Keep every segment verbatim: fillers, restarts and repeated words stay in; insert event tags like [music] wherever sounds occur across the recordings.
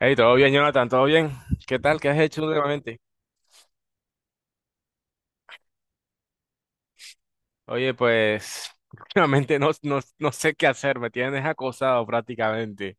Hey, todo bien, Jonathan, todo bien. ¿Qué tal? ¿Qué has hecho últimamente? Oye, pues [laughs] últimamente no, no, no sé qué hacer, me tienes acosado prácticamente.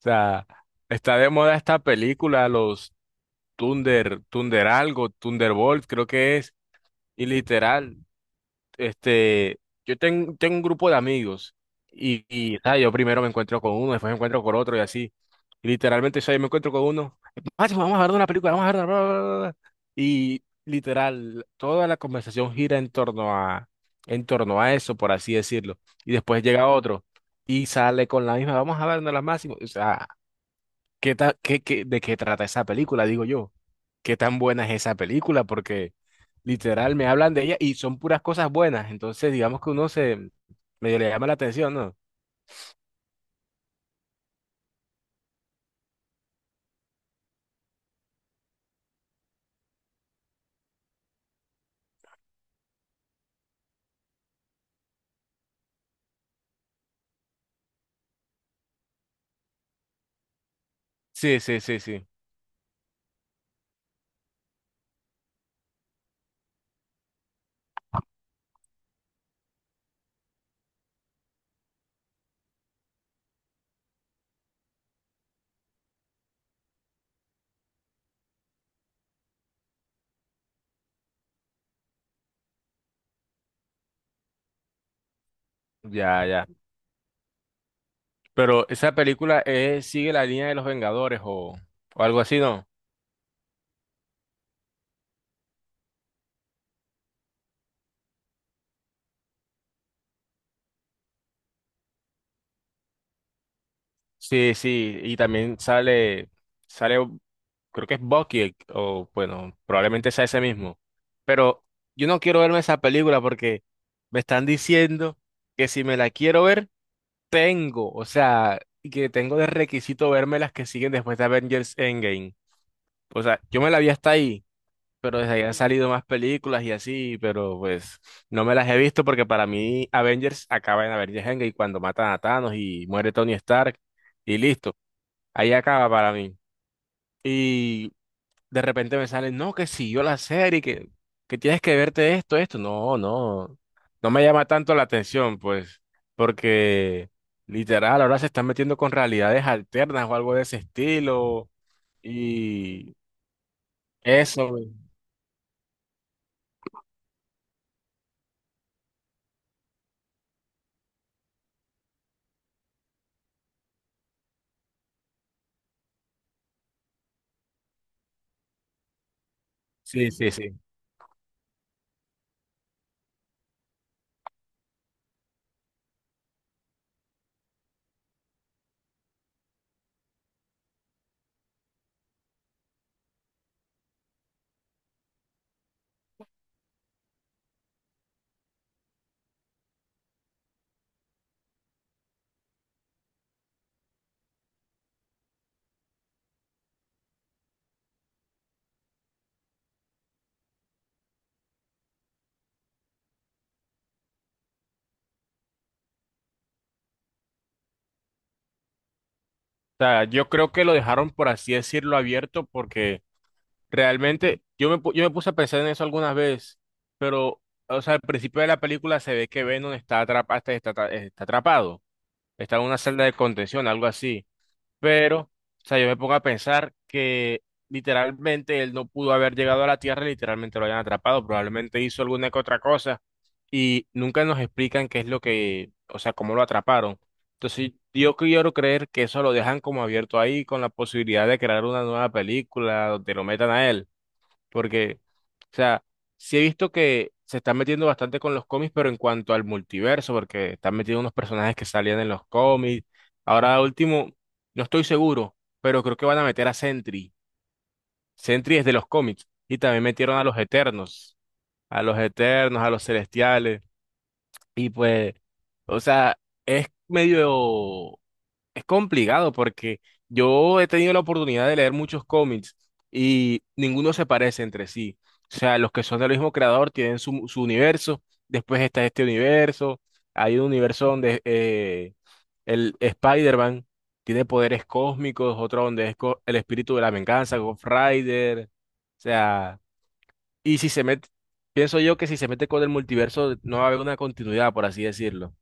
O sea, está de moda esta película, los Thunder, Thunder algo, Thunderbolt, creo que es. Y literal, este, yo ten- tengo un grupo de amigos y, y, ¿sabes? Yo primero me encuentro con uno, después me encuentro con otro y así. Y literalmente, ¿sabes? Yo me encuentro con uno, "Macho, vamos a ver una película, vamos a ver una bla, bla, bla, bla". Y literal, toda la conversación gira en torno a, en torno a eso, por así decirlo. Y después llega otro y sale con la misma, vamos a ver una de las más. O sea, ¿Qué ta- qué- qué- de qué trata esa película? Digo yo, ¿qué tan buena es esa película? Porque literal me hablan de ella y son puras cosas buenas, entonces digamos que uno se medio le llama la atención, ¿no? Sí, sí, sí, sí, ya, ya. Pero esa película eh, sigue la línea de los Vengadores o, o algo así, ¿no? Sí, sí, y también sale, sale, creo que es Bucky, el- o bueno, probablemente sea ese mismo. Pero yo no quiero verme esa película porque me están diciendo que si me la quiero ver, tengo, o sea, que tengo de requisito verme las que siguen después de Avengers Endgame. O sea, yo me la vi hasta ahí, pero desde ahí han salido más películas y así, pero pues no me las he visto porque para mí Avengers acaba en Avengers Endgame cuando matan a Thanos y muere Tony Stark y listo. Ahí acaba para mí. Y de repente me sale, no, que siguió la serie, que, que tienes que verte esto, esto. No, no, no me llama tanto la atención, pues, porque literal, ahora se están metiendo con realidades alternas o algo de ese estilo. Y eso, sí, sí, sí. O sea, yo creo que lo dejaron, por así decirlo, abierto porque... Realmente, yo me, pu- yo me puse a pensar en eso algunas veces, pero, o sea, al principio de la película se ve que Venom está atrapado, está, está atra- eh, está atrapado, está en una celda de contención, algo así. Pero, o sea, yo me pongo a pensar que literalmente él no pudo haber llegado a la Tierra, literalmente lo hayan atrapado, probablemente hizo alguna que otra cosa y nunca nos explican qué es lo que, o sea, cómo lo atraparon. Entonces, yo quiero creer que eso lo dejan como abierto ahí con la posibilidad de crear una nueva película donde lo metan a él. Porque, o sea, sí he visto que se están metiendo bastante con los cómics, pero en cuanto al multiverso, porque están metiendo unos personajes que salían en los cómics. Ahora último, no estoy seguro, pero creo que van a meter a Sentry. Sentry es de los cómics. Y también metieron a los Eternos, a los Eternos, a los Celestiales. Y pues, o sea, es medio es complicado porque yo he tenido la oportunidad de leer muchos cómics y ninguno se parece entre sí. O sea, los que son del mismo creador tienen su, su universo, después está este universo, hay un universo donde eh, el Spider-Man tiene poderes cósmicos, otro donde es co- el espíritu de la venganza, Ghost Rider. O sea, y si se mete, pienso yo que si se mete con el multiverso no va a haber una continuidad, por así decirlo. O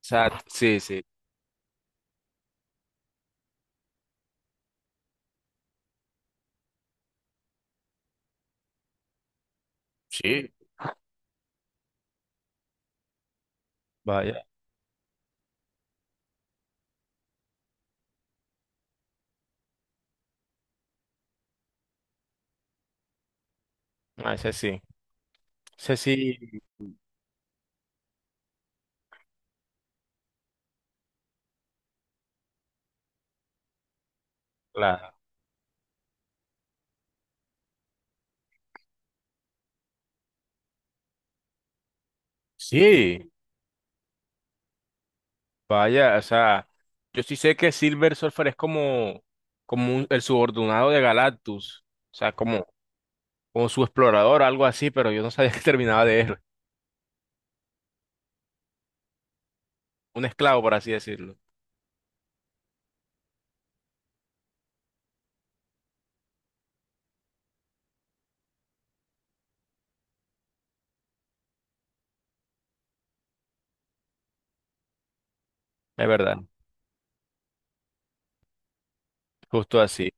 sea, sí, sí. Sí. Vaya, a ese sí. Sé si la... Sí, vaya, o sea, yo sí sé que Silver Surfer es como, como un- el subordinado de Galactus, o sea, como, como su explorador, algo así, pero yo no sabía [laughs] que terminaba de héroe, un esclavo, por así decirlo. Es verdad, justo así.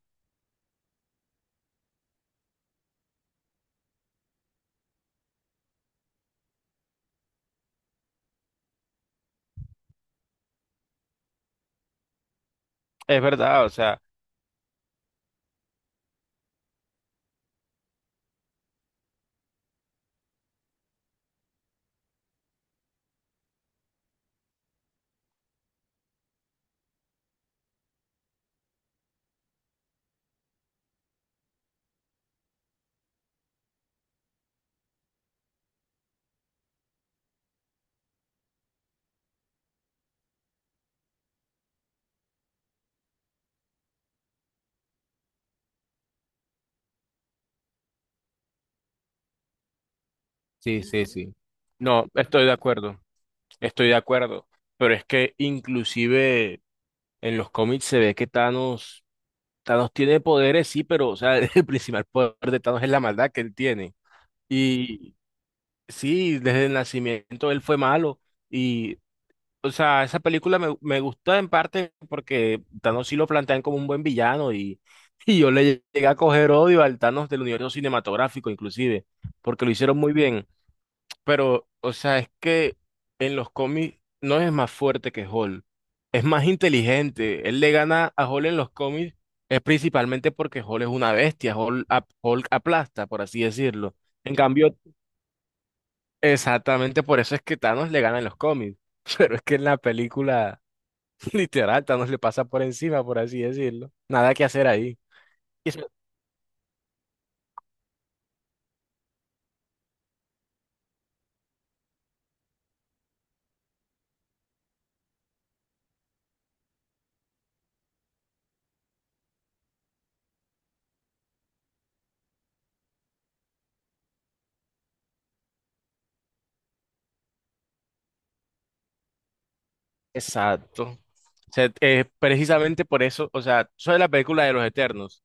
Es verdad, o sea, sí, sí, sí. No, estoy de acuerdo, estoy de acuerdo, pero es que inclusive en los cómics se ve que Thanos, Thanos tiene poderes, sí, pero, o sea, [laughs] el principal poder de Thanos es la maldad que él tiene. Y sí, desde el nacimiento él fue malo. Y, o sea, esa película me, me gustó en parte porque Thanos sí lo plantean como un buen villano y, [laughs] y yo le llegué a coger odio al Thanos del universo cinematográfico, inclusive, porque lo hicieron muy bien. Pero, o sea, es que en los cómics no es más fuerte que Hulk, es más inteligente. Él le gana a Hulk en los cómics, es principalmente porque Hulk es una bestia, Hulk, ap- Hulk aplasta, por así decirlo. En cambio, exactamente por eso es que Thanos le gana en los cómics. [laughs] Pero es que en la película, [laughs] literal, Thanos le pasa por encima, por así decirlo. Nada que hacer ahí. Y eso... Exacto. O sea, eh, precisamente por eso, o sea, sobre la película de los Eternos,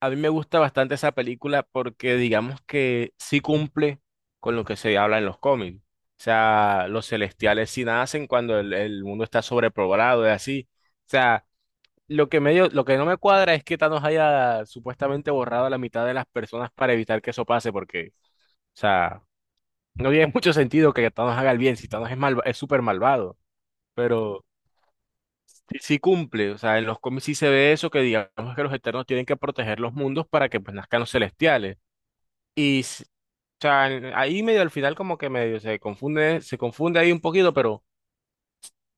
a mí me gusta bastante esa película porque digamos que sí cumple con lo que se habla en los cómics. O sea, los celestiales sí nacen cuando el, el mundo está sobrepoblado y así. O sea, lo que medio, lo que no me cuadra es que Thanos haya supuestamente borrado a la mitad de las personas para evitar que eso pase, porque, o sea, no tiene [laughs] mucho sentido que Thanos haga el bien si Thanos es mal, es súper malvado, pero sí, sí cumple, o sea, en los cómics sí se ve eso que digamos que los Eternos tienen que proteger los mundos para que pues nazcan los celestiales. Y, s- o sea, en- ahí medio al final como que medio se confunde, se confunde ahí un poquito, pero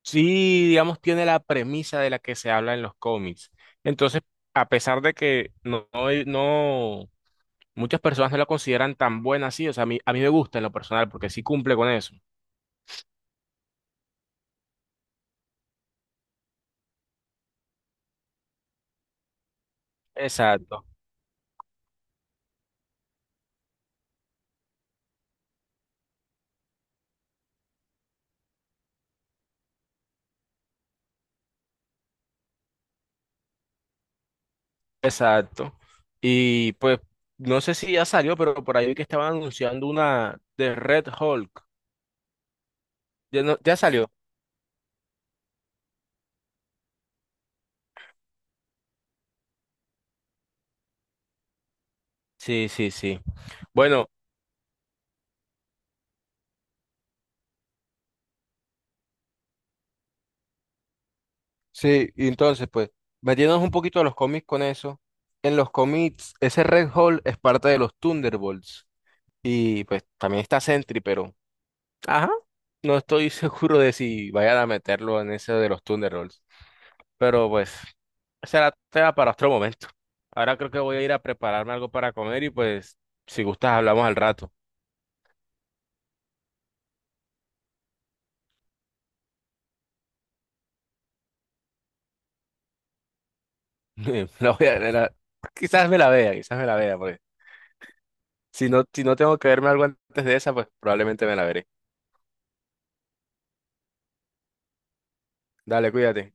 sí, digamos, tiene la premisa de la que se habla en los cómics. Entonces, a pesar de que no, no, no- muchas personas no la consideran tan buena así, o sea, a mí, a mí me gusta en lo personal porque sí cumple con eso. Exacto, exacto. Y pues, no sé si ya salió, pero por ahí vi que estaban anunciando una de Red Hulk. ¿Ya, no- ya salió? Sí, sí, sí. Bueno, sí, y entonces, pues, metiéndonos un poquito a los cómics con eso. En los cómics, ese Red Hulk es parte de los Thunderbolts. Y pues también está Sentry, pero ajá, no estoy [laughs] seguro de si vayan a meterlo en ese de los Thunderbolts. Pero pues, será tema para otro momento. Ahora creo que voy a ir a prepararme algo para comer y pues, si gustas, hablamos al rato. [laughs] La voy a, la- quizás me la vea, quizás me la vea, porque si no, si no tengo que verme algo antes de esa, pues probablemente me la veré. Dale, cuídate.